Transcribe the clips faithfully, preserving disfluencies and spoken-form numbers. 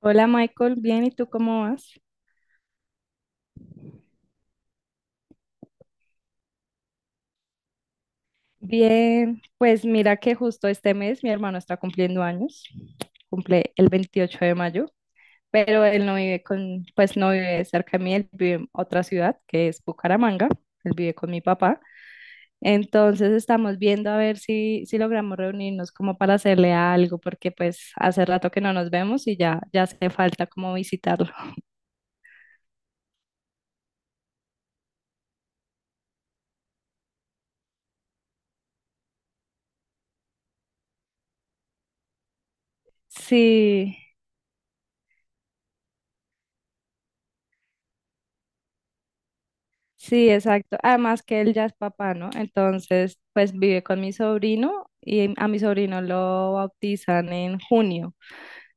Hola Michael, bien, ¿y tú cómo vas? Bien, pues mira que justo este mes mi hermano está cumpliendo años, cumple el veintiocho de mayo, pero él no vive con, pues no vive cerca de mí, él vive en otra ciudad que es Bucaramanga, él vive con mi papá, entonces estamos viendo a ver si, si logramos reunirnos como para hacerle algo, porque pues hace rato que no nos vemos y ya, ya hace falta como visitarlo. Sí. Sí, exacto. Además que él ya es papá, ¿no? Entonces, pues vive con mi sobrino y a mi sobrino lo bautizan en junio.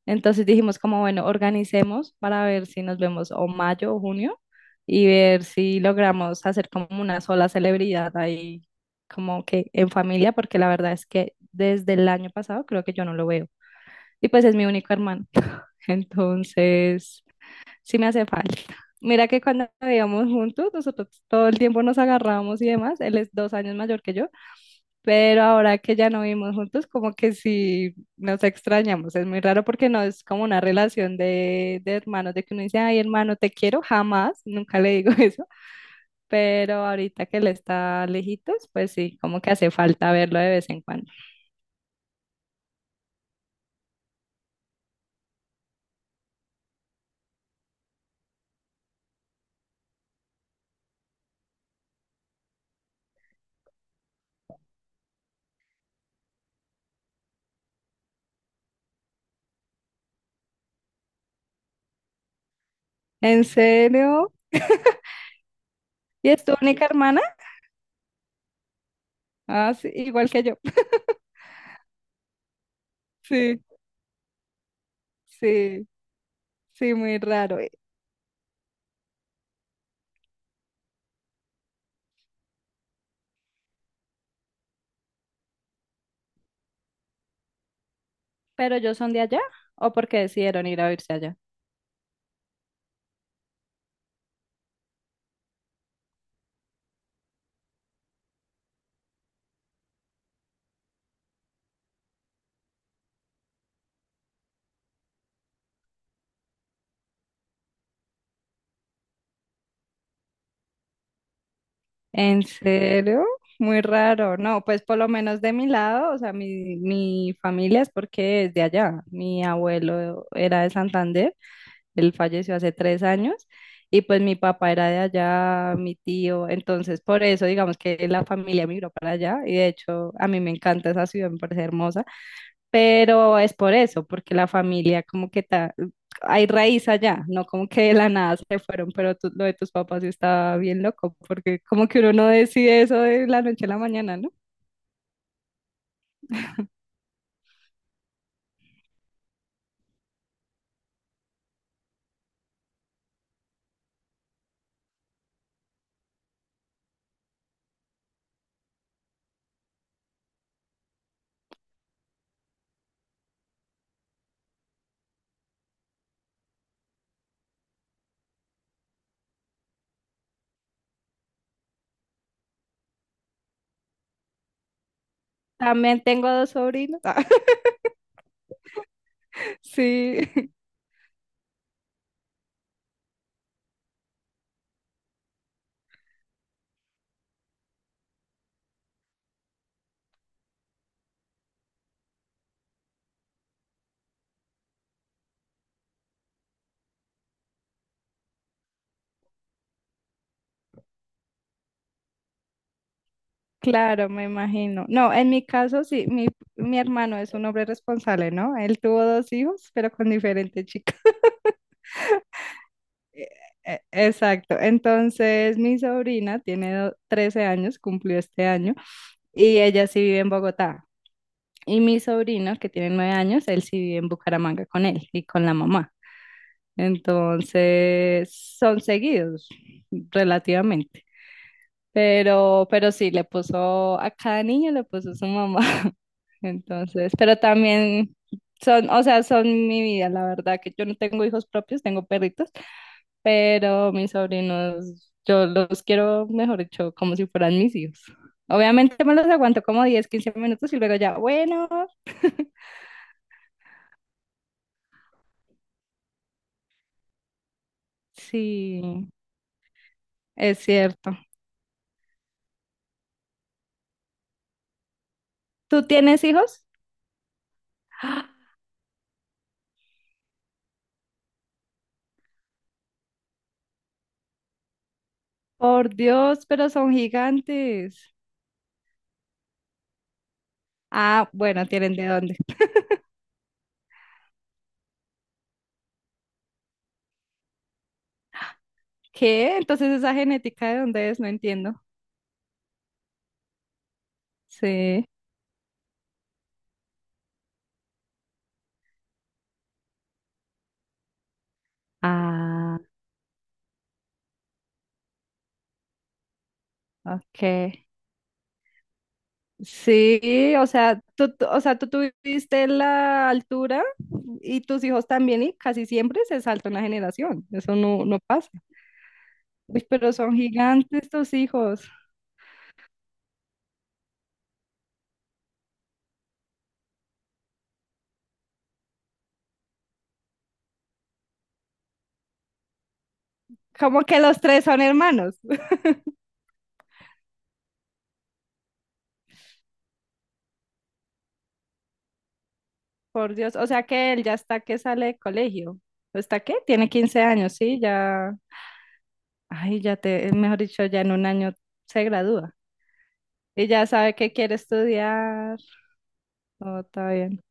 Entonces dijimos como, bueno, organicemos para ver si nos vemos o mayo o junio, y ver si logramos hacer como una sola celebridad ahí, como que en familia, porque la verdad es que desde el año pasado creo que yo no lo veo. Y pues es mi único hermano. Entonces sí me hace falta. Mira que cuando vivíamos juntos, nosotros todo el tiempo nos agarrábamos y demás. Él es dos años mayor que yo, pero ahora que ya no vivimos juntos, como que sí nos extrañamos. Es muy raro porque no es como una relación de, de hermanos, de que uno dice, ay, hermano, te quiero, jamás, nunca le digo eso. Pero ahorita que él está lejitos, pues sí, como que hace falta verlo de vez en cuando. ¿En serio? ¿Y es tu única hermana? Ah, sí, igual que yo. Sí, sí, sí, muy raro. Pero ellos son de allá, ¿o porque decidieron ir a irse allá? ¿En serio? Muy raro. No, pues por lo menos de mi lado, o sea, mi, mi familia es porque es de allá. Mi abuelo era de Santander, él falleció hace tres años, y pues mi papá era de allá, mi tío. Entonces, por eso, digamos que la familia migró para allá, y de hecho, a mí me encanta esa ciudad, me parece hermosa. Pero es por eso, porque la familia como que ta- hay raíz allá, no como que de la nada se fueron, pero tú- lo de tus papás sí está bien loco, porque como que uno no decide eso de la noche a la mañana, ¿no? También tengo dos sobrinos. Sí, claro, me imagino. No, en mi caso sí, mi, mi hermano es un hombre responsable, ¿no? Él tuvo dos hijos, pero con diferente chica. Eh, eh, Exacto. Entonces, mi sobrina tiene do- trece años, cumplió este año, y ella sí vive en Bogotá. Y mi sobrino, que tiene nueve años, él sí vive en Bucaramanga con él y con la mamá. Entonces, son seguidos relativamente. Pero, pero sí, le puso a cada niño, le puso su mamá. Entonces, pero también son, o sea, son mi vida, la verdad, que yo no tengo hijos propios, tengo perritos, pero mis sobrinos, yo los quiero, mejor dicho, como si fueran mis hijos. Obviamente me los aguanto como diez quince minutos y luego ya, bueno. Sí, es cierto. ¿Tú tienes hijos? Por Dios, pero son gigantes. Ah, bueno, tienen de dónde. ¿Qué? Entonces esa genética de dónde es, no entiendo. Sí. Ah, ok. Sí, o sea, tú, tú- o sea, tú tuviste la altura y tus hijos también, y casi siempre se salta una generación. Eso no, no pasa. Uy, pero son gigantes tus hijos. Como que los tres son hermanos. Por Dios, o sea que él ya está que sale de colegio. ¿Está qué? Tiene quince años, sí, ya, ay, ya te, mejor dicho, ya en un año se gradúa y ya sabe que quiere estudiar. Oh, está bien.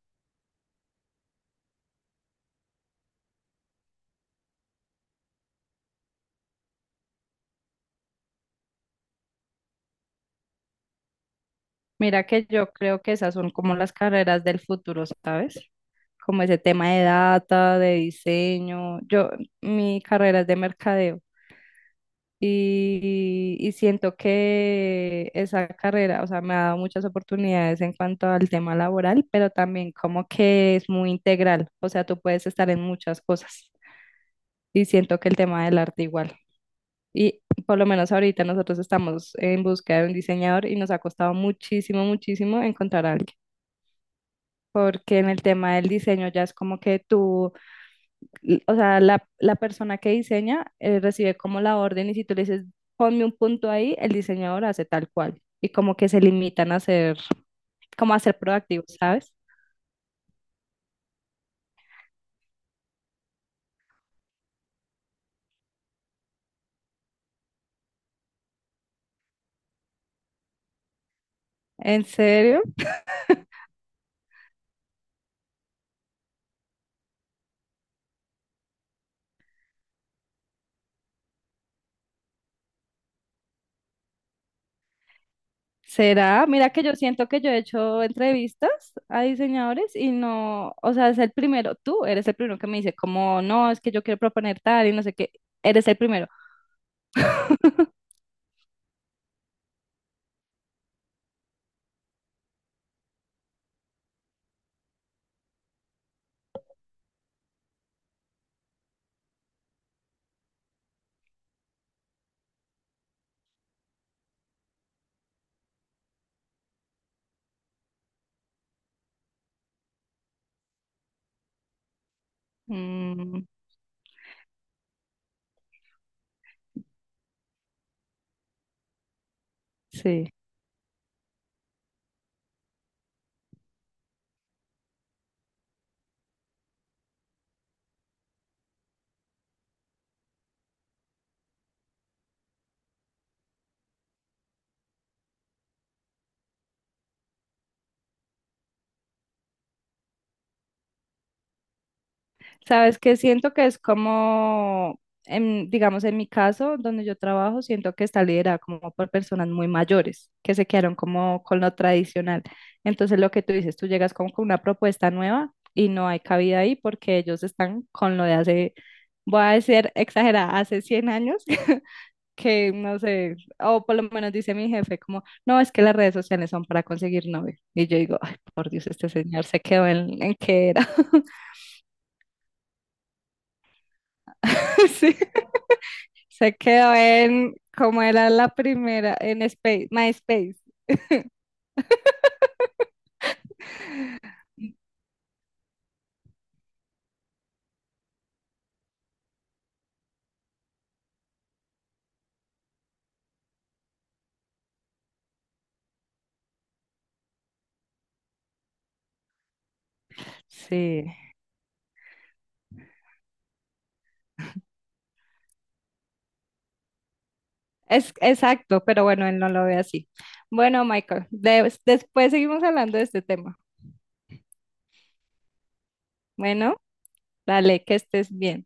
Mira que yo creo que esas son como las carreras del futuro, ¿sabes? Como ese tema de data, de diseño. Yo, mi carrera es de mercadeo. y, y siento que esa carrera, o sea, me ha dado muchas oportunidades en cuanto al tema laboral, pero también como que es muy integral, o sea, tú puedes estar en muchas cosas, y siento que el tema del arte igual. Y por lo menos ahorita nosotros estamos en búsqueda de un diseñador y nos ha costado muchísimo, muchísimo encontrar a alguien, porque en el tema del diseño ya es como que tú l- o sea, la, la persona que diseña eh, recibe como la orden, y si tú le dices, ponme un punto ahí, el diseñador hace tal cual. Y como que se limitan a ser, como a ser proactivos, ¿sabes? ¿En serio? ¿Será? Mira que yo siento que yo he hecho entrevistas a diseñadores y no, o sea, es el primero, tú eres el primero que me dice como, no, es que yo quiero proponer tal y no sé qué, eres el primero. Mm, sí. Sabes que siento que es como, en, digamos, en mi caso, donde yo trabajo, siento que está liderada como por personas muy mayores, que se quedaron como con lo tradicional. Entonces, lo que tú dices, tú llegas como con una propuesta nueva y no hay cabida ahí porque ellos están con lo de hace, voy a decir exagerada, hace cien años. Que no sé, o por lo menos dice mi jefe, como, no, es que las redes sociales son para conseguir novio. Y yo digo, ay, por Dios, este señor se quedó en, en qué era. Sí. Se quedó en, como era la primera, en Space, MySpace. Sí, es exacto, pero bueno, él no lo ve así. Bueno, Michael, de- después seguimos hablando de este tema. Bueno, dale, que estés bien.